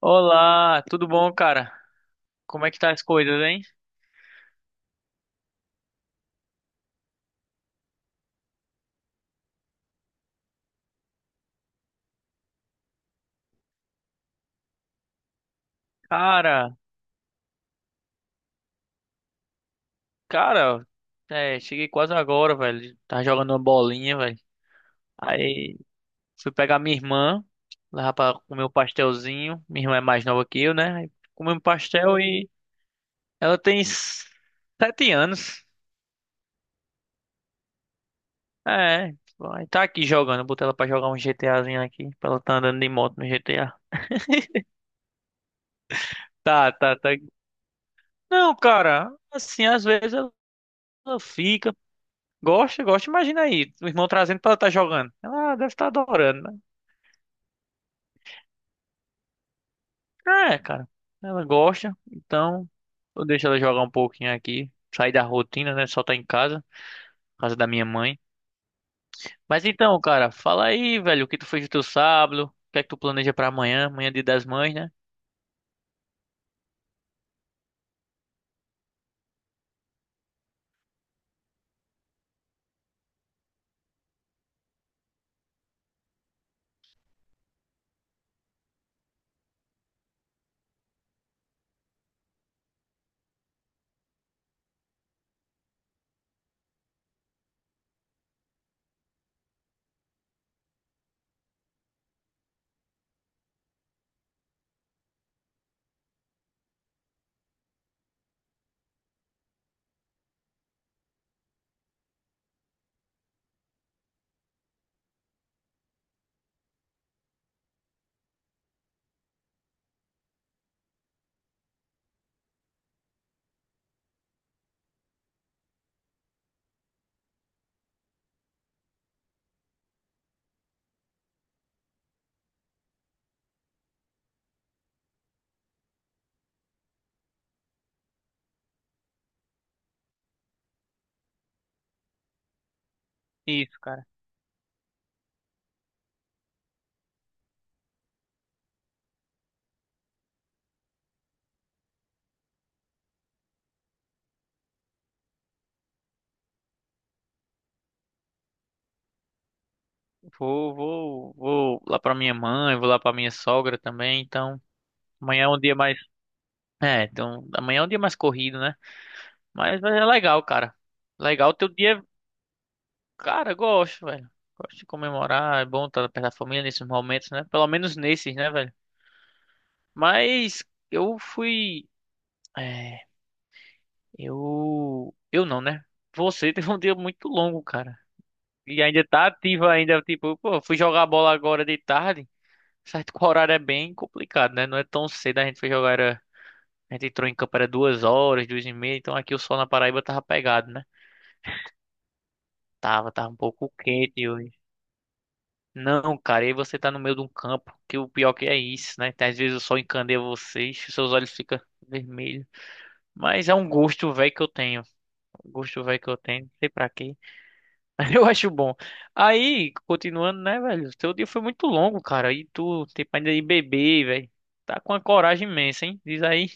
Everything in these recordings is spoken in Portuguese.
Olá, tudo bom, cara? Como é que tá as coisas, hein? Cara, cara, cheguei quase agora, velho. Tava jogando uma bolinha, velho. Aí fui pegar minha irmã, levar pra comer um pastelzinho. Minha irmã é mais nova que eu, né? Aí comi um pastel e ela tem 7 anos. É, aí tá aqui jogando. Botei ela pra jogar um GTAzinho aqui, pra ela tá andando de moto no GTA. Tá, tá, tá. Não, cara, assim, às vezes ela fica. Gosta, gosta. Imagina aí, o irmão trazendo pra ela estar jogando. Ela "Ah, deve estar adorando, né?" É, cara. Ela gosta, então eu deixo ela jogar um pouquinho aqui. Sair da rotina, né? Só tá em casa, casa da minha mãe. Mas então, cara, fala aí, velho, o que tu fez no teu sábado? O que é que tu planeja pra amanhã? Amanhã é dia das mães, né? Isso, cara. Vou lá pra minha mãe, vou lá pra minha sogra também, então. Amanhã é um dia mais. É, então, amanhã é um dia mais corrido, né? Mas é legal, cara. Legal, teu dia. Cara, eu gosto, velho. Gosto de comemorar. É bom estar perto da família nesses momentos, né? Pelo menos nesses, né, velho? Mas eu fui. É, eu. Eu não, né? Você teve um dia muito longo, cara. E ainda tá ativo ainda. Tipo, pô, fui jogar bola agora de tarde. Certo que o horário é bem complicado, né? Não é tão cedo. A gente foi jogar. Era... A gente entrou em campo era duas horas, duas e meia. Então aqui o sol na Paraíba tava pegado, né? Tava um pouco quente. Não, cara, e aí você tá no meio de um campo, que o pior que é isso, né? Às vezes o sol encandeia vocês, seus olhos ficam vermelhos. Mas é um gosto velho que eu tenho. Um gosto velho que eu tenho, não sei pra quê. Mas eu acho bom. Aí, continuando, né, velho? Seu dia foi muito longo, cara. E tu, tempo ainda de beber, velho. Tá com uma coragem imensa, hein? Diz aí.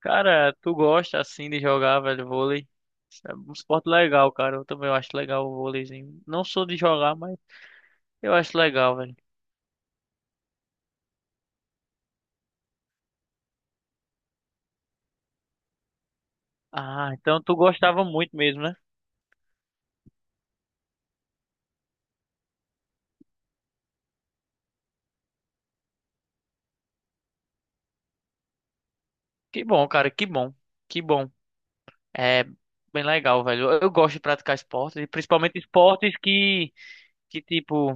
Cara, tu gosta assim de jogar, velho, vôlei? Isso. É um esporte legal, cara. Eu também acho legal o vôleizinho. Não sou de jogar, mas eu acho legal, velho. Ah, então tu gostava muito mesmo, né? Que bom, cara, que bom. Que bom. É bem legal, velho. Eu gosto de praticar esportes, e principalmente esportes que tipo,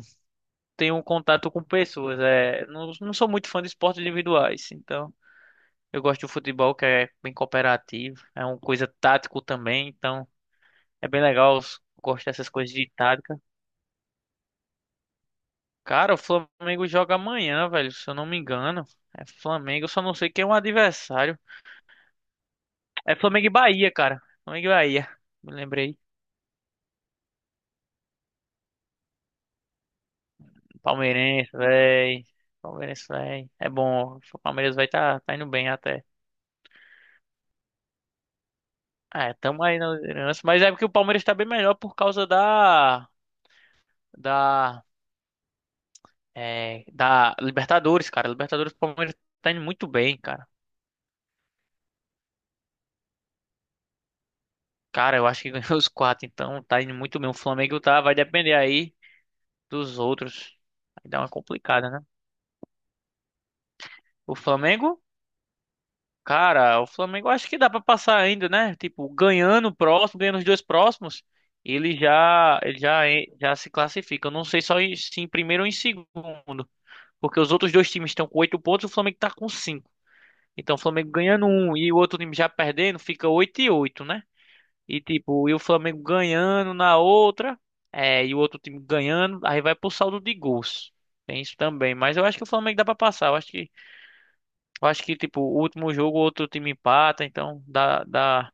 tem um contato com pessoas. É, não, não sou muito fã de esportes individuais, então eu gosto do futebol que é bem cooperativo, é uma coisa tático também, então é bem legal. Eu gosto dessas coisas de tática. Cara, o Flamengo joga amanhã, velho, se eu não me engano. É Flamengo, eu só não sei quem é o adversário. É Flamengo e Bahia, cara. Flamengo e Bahia. Me lembrei. Palmeirense, véi. Palmeirense, véi. É bom. O Palmeiras tá indo bem até. É, tamo aí na liderança. Mas é porque o Palmeiras tá bem melhor por causa da. Da. É, da Libertadores, cara. Libertadores, o Palmeiras tá indo muito bem, cara. Cara, eu acho que ganhou os quatro, então tá indo muito bem. O Flamengo tá, vai depender aí dos outros. Vai dar uma complicada, né? O Flamengo. Cara, o Flamengo acho que dá pra passar ainda, né? Tipo, ganhando o próximo, ganhando os dois próximos, ele já já se classifica. Eu não sei só se em primeiro ou em segundo, porque os outros dois times estão com 8 pontos, o Flamengo tá com cinco. Então, o Flamengo ganhando um e o outro time já perdendo, fica 8 e 8, né? E tipo, e o Flamengo ganhando na outra, é, e o outro time ganhando, aí vai pro saldo de gols. Tem isso também, mas eu acho que o Flamengo dá pra passar. Eu acho que, tipo, o último jogo, outro time empata, então dá,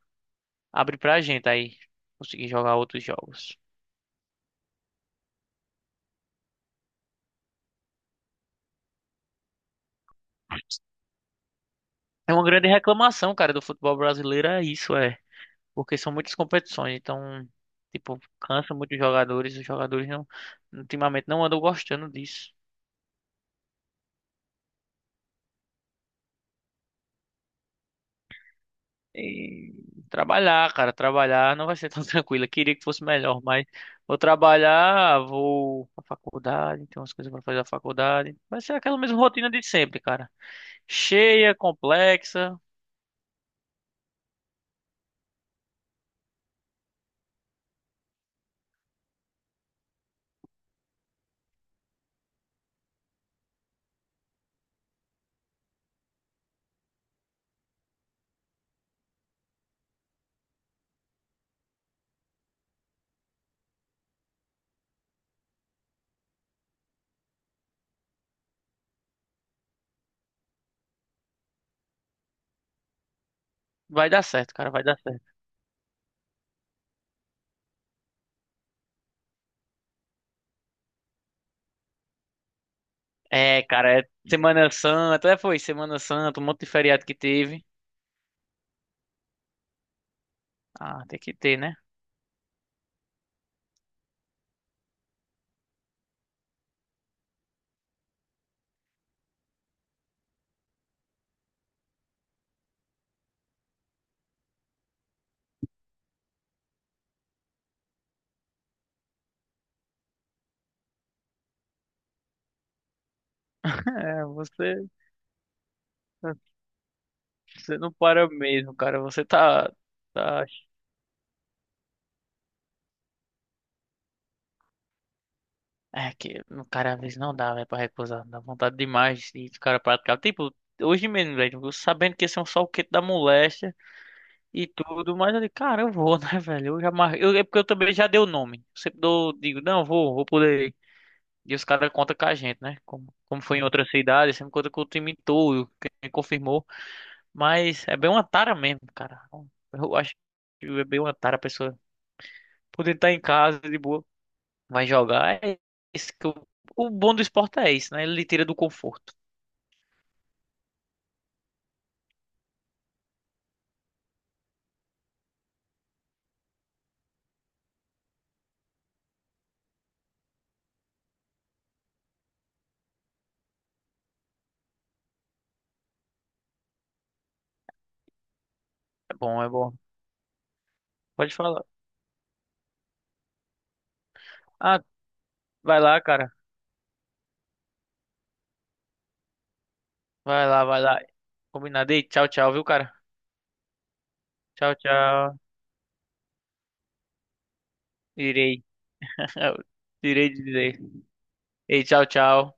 abre pra gente aí conseguir jogar outros jogos. É uma grande reclamação, cara, do futebol brasileiro, é isso, é. Porque são muitas competições, então, tipo, cansa muito os jogadores não, ultimamente não andam gostando disso. E trabalhar, cara, trabalhar não vai ser tão tranquilo. Eu queria que fosse melhor, mas vou trabalhar, vou pra faculdade, tem umas coisas pra fazer na faculdade. Vai ser aquela mesma rotina de sempre, cara, cheia, complexa. Vai dar certo, cara, vai dar certo. É, cara, é Semana Santa, é, foi Semana Santa, um monte de feriado que teve. Ah, tem que ter, né? É, você, você não para mesmo, cara. Você tá... É que, no cara, às vezes não dá, velho, pra recusar. Dá vontade demais de cara praticar. Tipo, hoje mesmo, velho, eu sabendo que ia ser um sol quente da moléstia e tudo, mas eu digo, cara, eu vou, né, velho? Eu já mar... eu, é porque eu também já dei o nome. Eu sempre dou, digo, não, vou poder. E os caras contam com a gente, né? Como foi em outra cidade, sempre conta com o time todo, quem confirmou. Mas é bem uma tara mesmo, cara. Eu acho que é bem uma tara a pessoa poder estar em casa de boa, vai jogar. É isso que o bom do esporte é isso, né? Ele lhe tira do conforto. É bom, é bom. Pode falar. Ah, vai lá, cara. Vai lá, vai lá. Combinado. Ei, tchau, tchau, viu, cara? Tchau, tchau. Irei. Irei dizer. Ei, tchau, tchau.